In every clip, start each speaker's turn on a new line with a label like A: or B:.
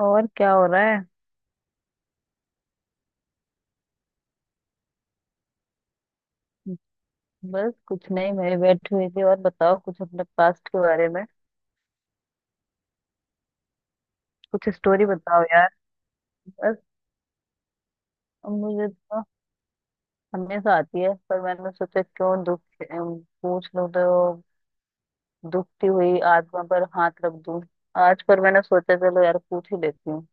A: और क्या हो रहा है। बस कुछ नहीं मैं बैठी हुई थी और बताओ कुछ अपने पास्ट के बारे में। कुछ स्टोरी बताओ यार। बस मुझे तो हमेशा आती है पर मैंने सोचा क्यों दुख पूछ लूं तो दुखती हुई आत्मा पर हाथ रख दूं आज। पर मैंने सोचा चलो यार पूछ ही लेती हूँ।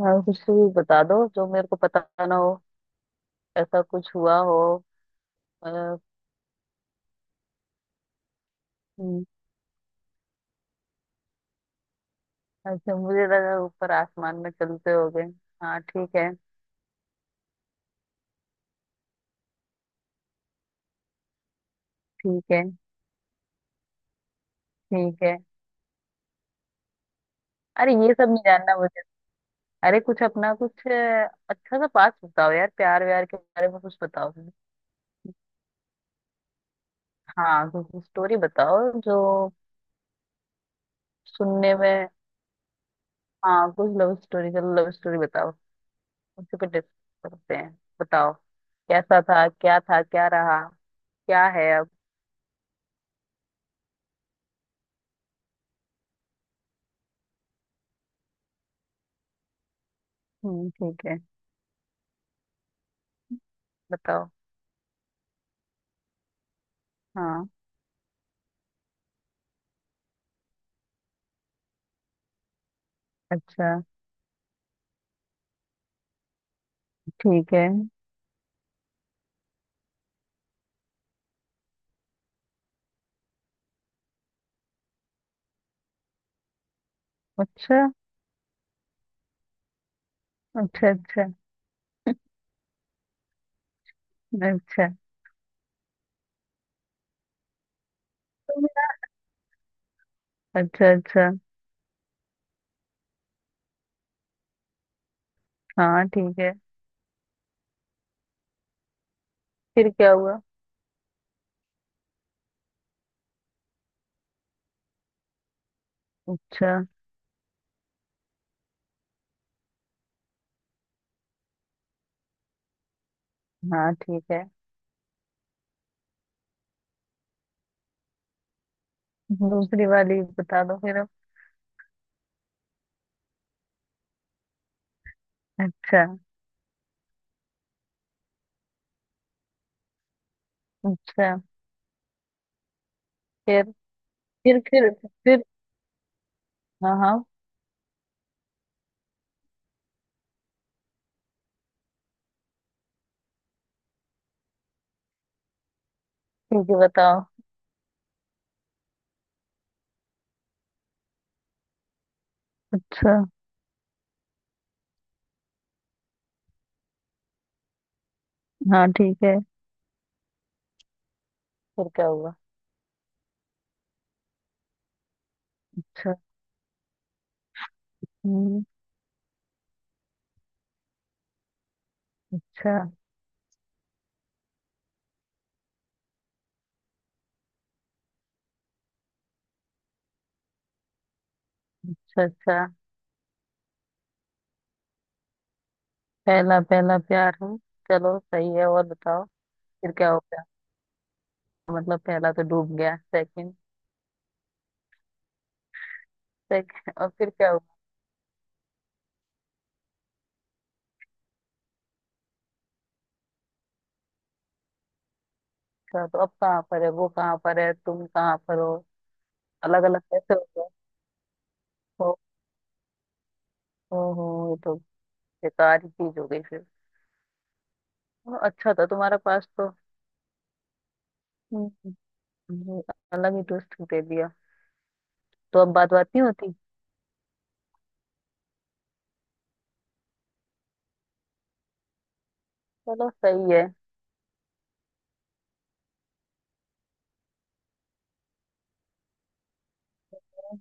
A: यार कुछ भी बता दो जो मेरे को पता ना हो ऐसा कुछ हुआ हो। अ, हम्म, अच्छा मुझे लगा ऊपर आसमान में चलते हो गए। हाँ ठीक है। ठीक है। ठीक है। अरे ये सब नहीं जानना मुझे। अरे कुछ अपना कुछ अच्छा सा पास बताओ यार प्यार व्यार के बारे में कुछ बताओ। हाँ कुछ स्टोरी बताओ जो सुनने में। हाँ कुछ लव स्टोरी चलो लव स्टोरी बताओ। उसी पे डिस्कस करते हैं। बताओ। कैसा था क्या रहा क्या है अब। ठीक है। बताओ। हाँ। अच्छा। ठीक है। अच्छा अच्छा। अच्छा। अच्छा अच्छा अच्छा। हाँ ठीक है। फिर क्या हुआ। अच्छा। हाँ ठीक है। दूसरी वाली बता दो फिर अब। अच्छा अच्छा। फिर फिर फिर। फिर। हाँ हाँ। ठीक है बताओ। अच्छा। हाँ ठीक है। फिर क्या हुआ। अच्छा। हम्म, अच्छा अच्छा। अच्छा। पहला पहला प्यार हूँ। चलो सही है और बताओ। फिर क्या हो गया मतलब पहला तो डूब गया। सेकंड। सेकंड और फिर क्या हुआ। अच्छा तो अब कहाँ पर है वो कहाँ पर है तुम कहाँ पर हो। अलग अलग कैसे हो गए। ओ। ओ हो ये तो बेकार ही चीज हो गई फिर। ओ, अच्छा था तुम्हारा पास तो। हम्म, ये अलग ही ट्विस्ट दे दिया। तो अब बात बात नहीं होती। चलो सही है।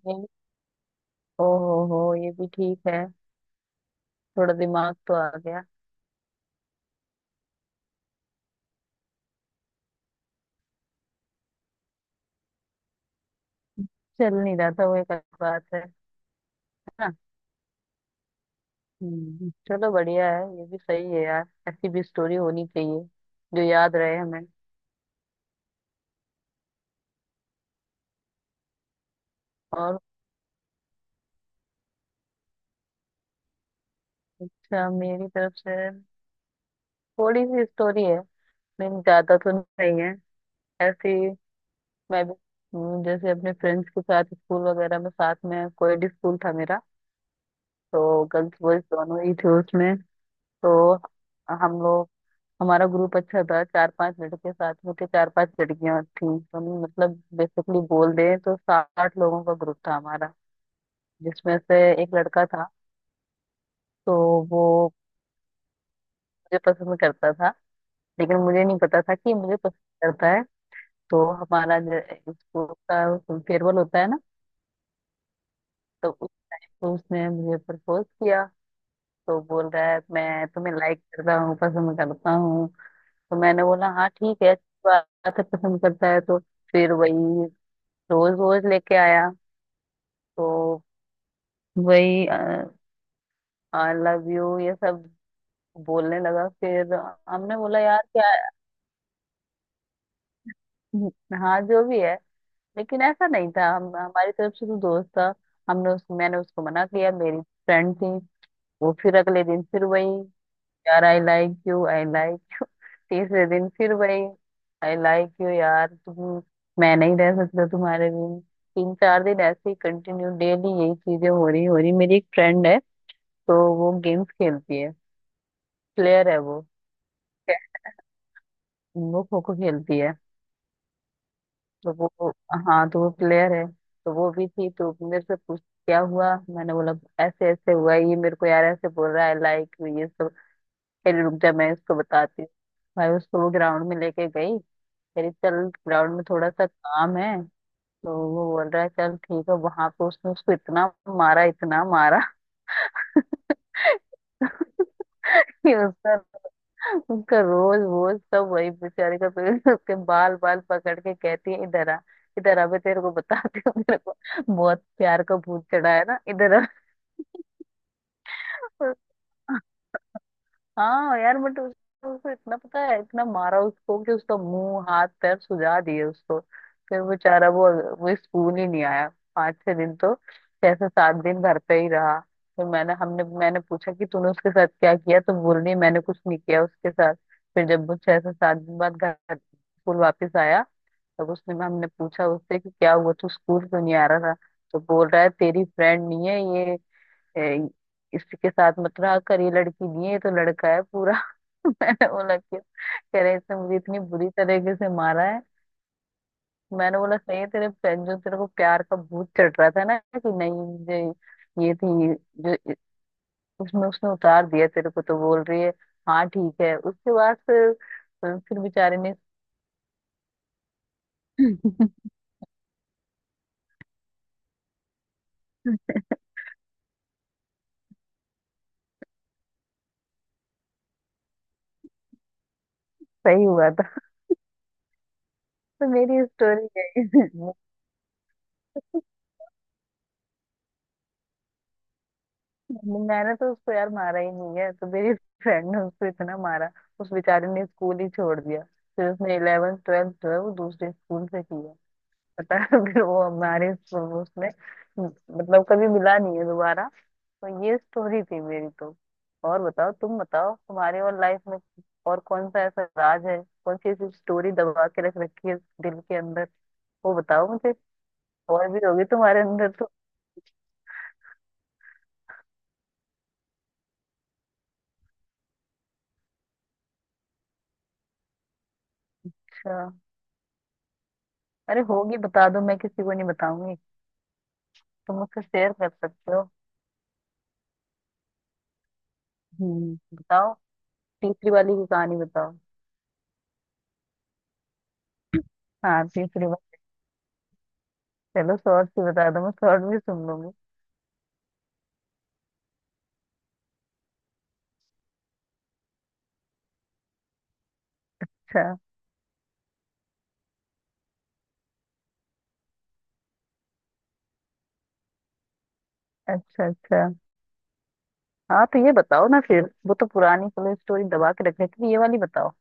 A: ये ओ हो ये भी ठीक है। थोड़ा दिमाग तो आ गया। चल नहीं रहा था वो एक अलग बात है ना। चलो बढ़िया है ये भी सही है यार। ऐसी भी स्टोरी होनी चाहिए जो याद रहे हमें। और। अच्छा मेरी तरफ से थोड़ी सी स्टोरी है। लेकिन ज्यादा तो नहीं है ऐसी। मैं भी। जैसे अपने फ्रेंड्स के साथ स्कूल वगैरह में साथ में कोएड स्कूल था मेरा। तो गर्ल्स बॉयज दोनों ही थे उसमें। तो हम लोग हमारा ग्रुप अच्छा था। चार पांच लड़के साथ में थे चार पांच लड़कियां थी। तो हम मतलब बेसिकली बोल दें तो साठ लोगों का ग्रुप था हमारा। जिसमें से एक लड़का था। तो वो मुझे पसंद करता था। लेकिन मुझे नहीं पता था कि मुझे पसंद करता है। तो हमारा जो स्कूल का फेयरवेल होता है ना तो उसने मुझे प्रपोज किया। तो बोल रहा है मैं तुम्हें लाइक करता हूँ पसंद करता हूँ। तो मैंने बोला हाँ ठीक है अच्छी बात है पसंद करता है तो। फिर वही रोज रोज लेके आया। तो वही आई लव यू ये सब बोलने लगा। फिर हमने बोला यार क्या। हाँ जो भी है लेकिन ऐसा नहीं था। हम हमारी तरफ से तो दोस्त था। हमने उस मैंने उसको मना किया मेरी फ्रेंड थी। वो फिर अगले दिन फिर वही यार I like you I like. तीसरे दिन फिर वही आई लाइक यू यार तुम मैं नहीं रह सकता तुम्हारे बिन। तीन चार दिन ऐसे ही कंटिन्यू डेली यही चीजें हो रही हो रही। मेरी एक फ्रेंड है तो वो गेम्स खेलती है प्लेयर है वो। वो खो खो खेलती है। तो वो हाँ तो वो प्लेयर है। तो वो भी थी तो मेरे से पूछ क्या हुआ। मैंने बोला ऐसे ऐसे हुआ ये मेरे को यार ऐसे बोल रहा है लाइक ये सब। कह रही, रुक जा मैं इसको बताती हूँ भाई। उसको वो ग्राउंड में लेके गई। कह रही चल ग्राउंड में थोड़ा सा काम है। तो वो बोल रहा है चल ठीक है। वहां पे उसने उसको इतना मारा कि उसका उसका रोज वोज सब वही बेचारे का पेट। उसके बाल बाल पकड़ के कहती है इधर आ इधर आ। मैं तेरे को बताती हूँ तेरे को बहुत प्यार का भूत चढ़ा है ना। इधर आ हाँ यार बट उसको उसको इतना पता है इतना मारा उसको कि उसका मुंह हाथ पैर सुजा दिए उसको। फिर बेचारा वो स्कूल ही नहीं आया पाँच छह दिन तो। छह से सात दिन घर पे ही रहा। फिर मैंने हमने मैंने पूछा कि तूने उसके साथ क्या किया। तो बोल रही है, मैंने कुछ नहीं किया उसके साथ। फिर जब वो छह से सात दिन बाद घर स्कूल वापस आया तब उसने हमने पूछा उससे कि क्या हुआ तू स्कूल क्यों नहीं आ रहा था। तो बोल रहा है तेरी फ्रेंड नहीं है ये। ए, इसके साथ मत रहा कर ये लड़की नहीं है ये तो लड़का है पूरा। मैंने बोला कि कह रहे इसने मुझे इतनी बुरी तरीके से मारा है। मैंने बोला सही है जो तेरे को प्यार का भूत चढ़ रहा था ना कि नहीं मुझे ये थी जो उसमें उसने उतार दिया तेरे को। तो बोल रही है हाँ ठीक है। उसके बाद फिर बेचारे ने सही हुआ था। तो मेरी स्टोरी है मैंने तो उसको यार मारा ही नहीं है। तो मेरी फ्रेंड ने उसको इतना मारा उस बेचारे ने स्कूल ही छोड़ दिया। फिर उसने इलेवेंथ ट्वेल्थ जो है वो दूसरे स्कूल से किया पता है फिर वो हमारे स्कूल में उसने मतलब कभी मिला नहीं है दोबारा। तो ये स्टोरी थी मेरी तो। और बताओ तुम बताओ तुम्हारे और लाइफ में और कौन सा ऐसा राज है। कौन सी ऐसी स्टोरी दबा के रख रखी है दिल के अंदर वो बताओ मुझे। और भी होगी तुम्हारे अंदर तो। अच्छा। अरे होगी बता दो मैं किसी को नहीं बताऊंगी। तुम मुझसे शेयर कर सकते हो। बताओ। तीसरी वाली की कहानी बताओ। हाँ तीसरी वाली। चलो शॉर्ट भी बता दो मैं शॉर्ट भी सुन लूंगी। अच्छा अच्छा। अच्छा। हाँ तो ये बताओ ना फिर वो तो पुरानी पुलिस स्टोरी दबा के रख रही थी ये वाली बताओ।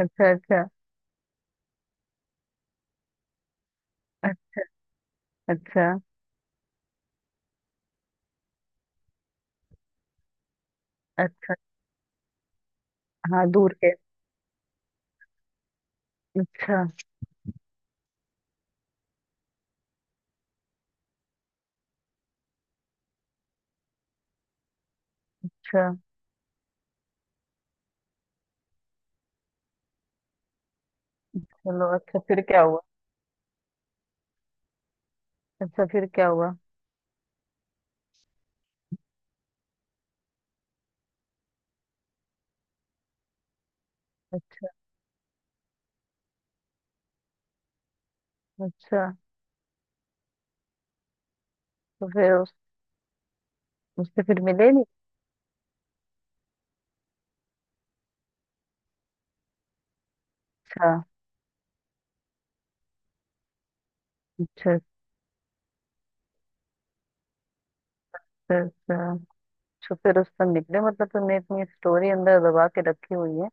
A: अच्छा अच्छा। अच्छा अच्छा अच्छा। हाँ दूर के। अच्छा। अच्छा। चलो अच्छा फिर क्या हुआ। अच्छा फिर क्या हुआ। अच्छा। अच्छा तो फिर उस उससे फिर मिले नहीं। अच्छा। अच्छा। अच्छा अच्छा। छुपे रुस्तम निकले मतलब तुमने इतनी स्टोरी अंदर दबा के रखी हुई है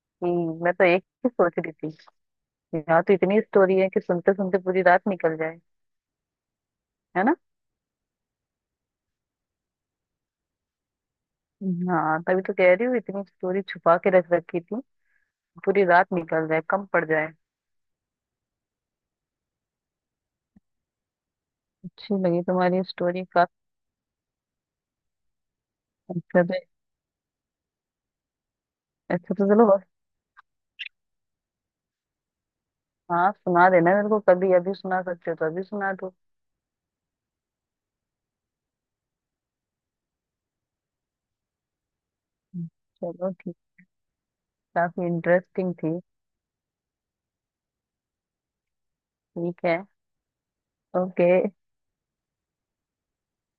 A: कि। मैं तो एक ही सोच रही थी यहाँ तो इतनी स्टोरी है कि सुनते सुनते पूरी रात निकल जाए। है ना। हाँ तभी तो कह रही हूँ इतनी स्टोरी छुपा के रख रखी थी। पूरी रात निकल जाए कम पड़ जाए। अच्छी लगी तुम्हारी स्टोरी काफी। अच्छा तो। अच्छा तो चलो बस। हाँ सुना देना मेरे को कभी। अभी सुना सकते हो तो अभी सुना दो। चलो ठीक। काफी इंटरेस्टिंग थी। ठीक है। ओके।